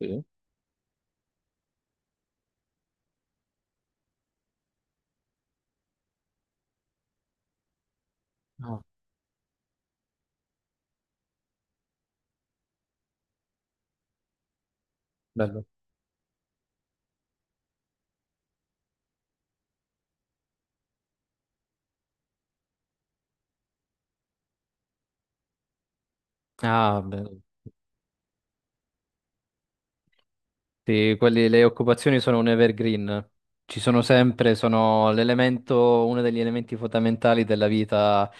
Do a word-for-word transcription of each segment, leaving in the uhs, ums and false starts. Sì. Ah, bello. Ah, bello. Sì, quelli- le occupazioni sono un evergreen. Ci sono sempre, sono l'elemento, uno degli elementi fondamentali della vita, eh,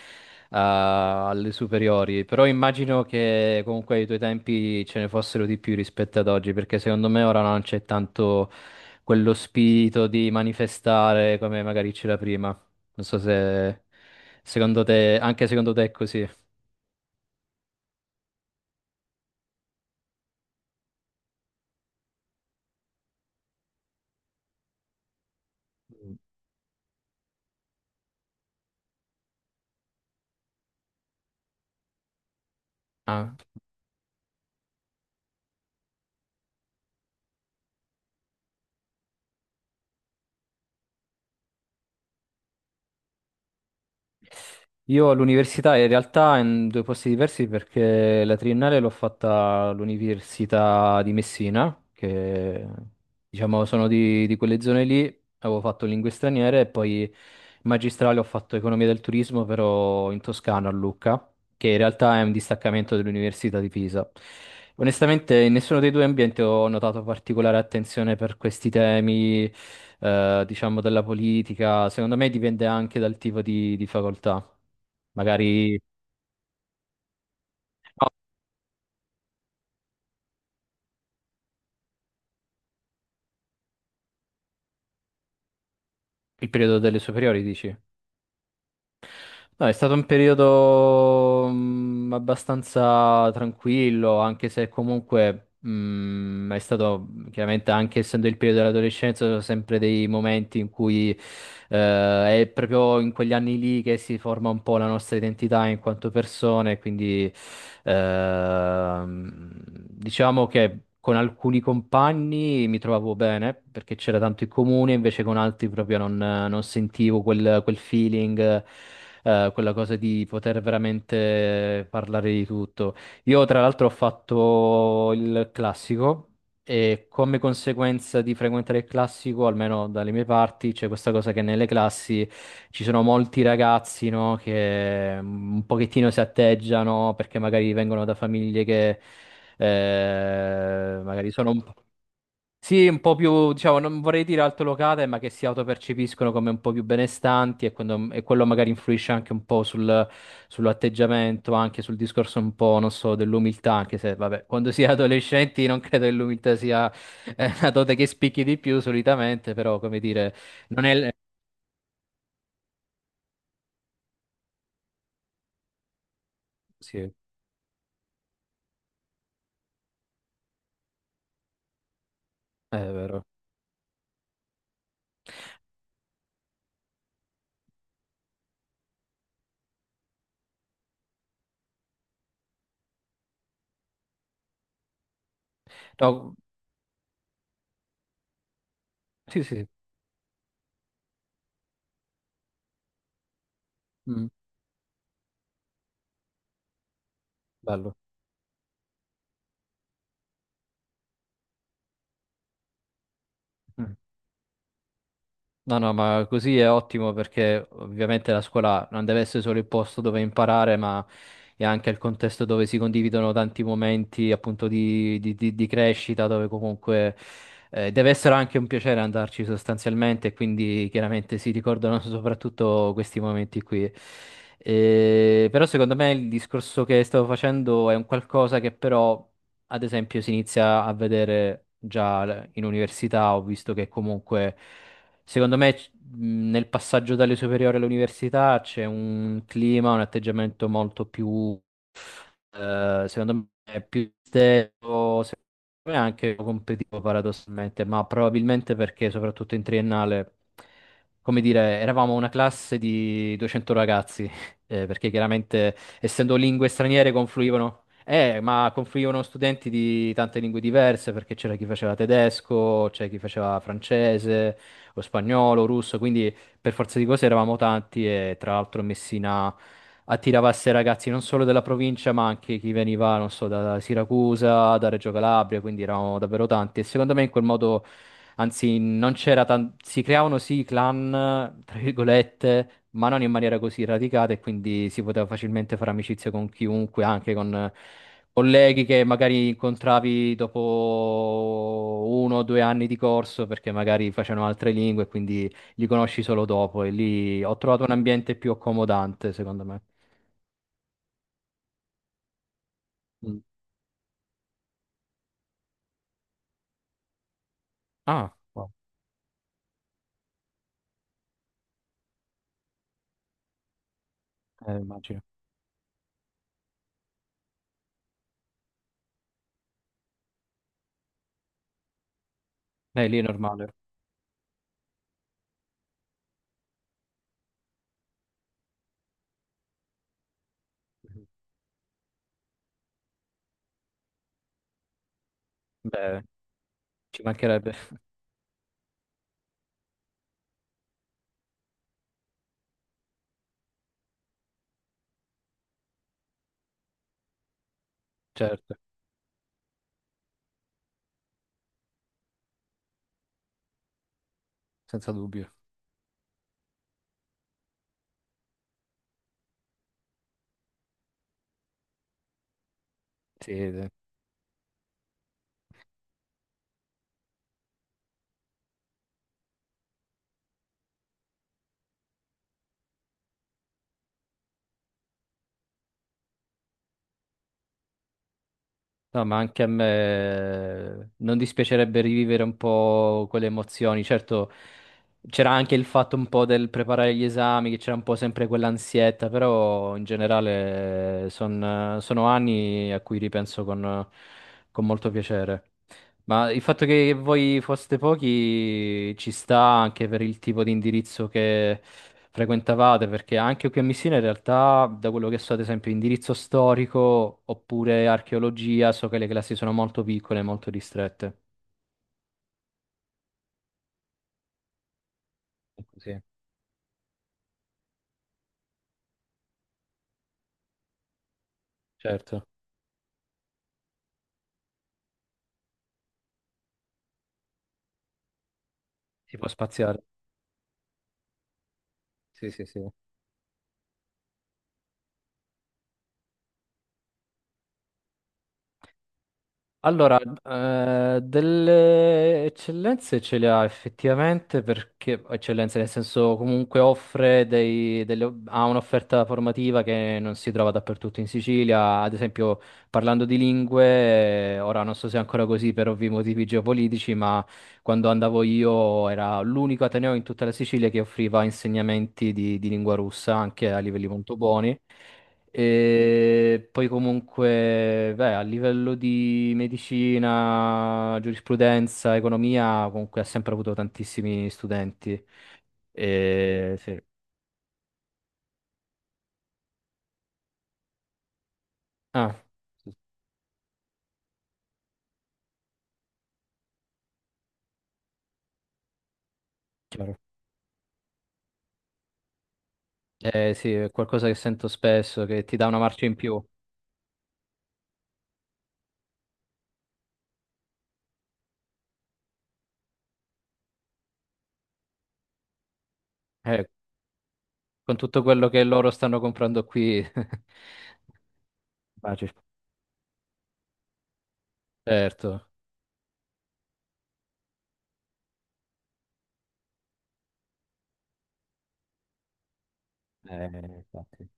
alle superiori. Però immagino che comunque ai tuoi tempi ce ne fossero di più rispetto ad oggi, perché secondo me ora non c'è tanto quello spirito di manifestare come magari c'era prima. Non so se secondo te, anche secondo te è così. Mm. Ah. Io all'università in realtà in due posti diversi perché la triennale l'ho fatta all'Università di Messina, che diciamo sono di, di quelle zone lì, avevo fatto lingue straniere e poi in magistrale ho fatto economia del turismo però in Toscana a Lucca, che in realtà è un distaccamento dell'Università di Pisa. Onestamente in nessuno dei due ambienti ho notato particolare attenzione per questi temi, eh, diciamo della politica, secondo me dipende anche dal tipo di di facoltà. Magari il periodo delle superiori, dici? No, è stato un periodo mm, abbastanza tranquillo, anche se comunque mm, è stato, chiaramente anche essendo il periodo dell'adolescenza, sono sempre dei momenti in cui eh, è proprio in quegli anni lì che si forma un po' la nostra identità in quanto persone, quindi ehm, diciamo che con alcuni compagni mi trovavo bene perché c'era tanto in comune, invece con altri proprio non, non sentivo quel, quel feeling, eh, quella cosa di poter veramente parlare di tutto. Io tra l'altro ho fatto il classico. E come conseguenza di frequentare il classico, almeno dalle mie parti, c'è questa cosa che nelle classi ci sono molti ragazzi, no, che mm, un pochettino si atteggiano perché magari vengono da famiglie che eh, magari sono un po'... Sì, un po' più, diciamo, non vorrei dire altolocate, ma che si autopercepiscono come un po' più benestanti e, quando- e quello magari influisce anche un po' sul, sull'atteggiamento, anche sul discorso un po', non so, dell'umiltà, anche se, vabbè, quando si è adolescenti non credo che l'umiltà sia eh, una dote che spicchi di più solitamente, però, come dire, non è... Sì, è vero. No, sì, sì, sì. mm, Bello. Mm. No, no, ma così è ottimo perché ovviamente la scuola non deve essere solo il posto dove imparare, ma è anche il contesto dove si condividono tanti momenti appunto di, di- di- di crescita, dove comunque eh, deve essere anche un piacere andarci sostanzialmente, e quindi chiaramente si ricordano soprattutto questi momenti qui. Eh, però secondo me il discorso che stavo facendo è un qualcosa che però, ad esempio, si inizia a vedere già in università, ho visto che comunque... Secondo me c- mh, nel passaggio dalle superiori all'università c'è un clima, un atteggiamento molto più eh, secondo me è più stelo, secondo me anche competitivo paradossalmente, ma probabilmente perché soprattutto in triennale, come dire, eravamo una classe di duecento ragazzi, eh, perché chiaramente essendo lingue straniere confluivano, eh, ma confluivano studenti di tante lingue diverse, perché c'era chi faceva tedesco, c'è chi faceva francese, o spagnolo, russo, quindi per forza di cose eravamo tanti e tra l'altro Messina attirava a sé ragazzi non solo della provincia, ma anche chi veniva, non so, da Siracusa, da Reggio Calabria, quindi eravamo davvero tanti e secondo me in quel modo anzi non c'era tan- si creavano sì i clan, tra virgolette, ma non in maniera così radicata e quindi si poteva facilmente fare amicizia con chiunque, anche con eh, colleghi che magari incontravi dopo uno o due anni di corso perché magari facevano altre lingue, quindi li conosci solo dopo e lì ho trovato un ambiente più accomodante, secondo me. Mm. Ah, wow. Eh, immagino. Eh, lì è normale. Mhm. Beh, ci mancherebbe, certo, senza dubbio. Sì, sì. No, ma anche a me non dispiacerebbe rivivere un po' quelle emozioni. Certo, c'era anche il fatto un po' del preparare gli esami, che c'era un po' sempre quell'ansietta, però in generale son- sono anni a cui ripenso con, con molto piacere. Ma il fatto che voi foste pochi ci sta anche per il tipo di indirizzo che frequentavate, perché anche qui a Messina in realtà, da quello che so, ad esempio, indirizzo storico oppure archeologia, so che le classi sono molto piccole, molto ristrette. Sì. Certo, si può spaziare. Sì, sì, sì. Allora, eh, delle eccellenze ce le ha effettivamente perché, eccellenze nel senso comunque offre dei, delle- ha un'offerta formativa che non si trova dappertutto in Sicilia, ad esempio parlando di lingue, eh, ora non so se è ancora così per ovvi motivi geopolitici, ma quando andavo io era l'unico ateneo in tutta la Sicilia che offriva insegnamenti di, di lingua russa anche a livelli molto buoni. E poi comunque, beh, a livello di medicina, giurisprudenza, economia, comunque ha sempre avuto tantissimi studenti. E, sì. Ah, sì, chiaro. Eh, sì, è qualcosa che sento spesso, che ti dà una marcia in più. Eh, con tutto quello che loro stanno comprando qui. Facile. Certo. Eh, infatti.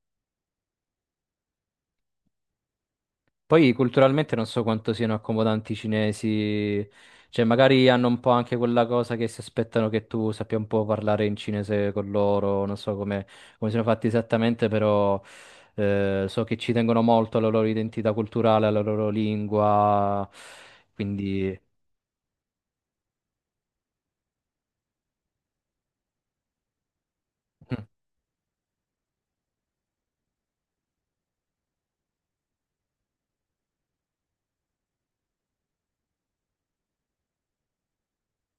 Poi culturalmente non so quanto siano accomodanti i cinesi, cioè magari hanno un po' anche quella cosa che si aspettano che tu sappia un po' parlare in cinese con loro, non so come, come siano fatti esattamente, però eh, so che ci tengono molto alla loro identità culturale, alla loro lingua, quindi...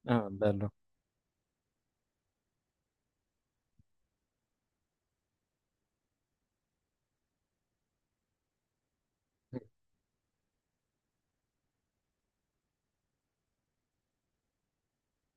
Mm, ah, bello.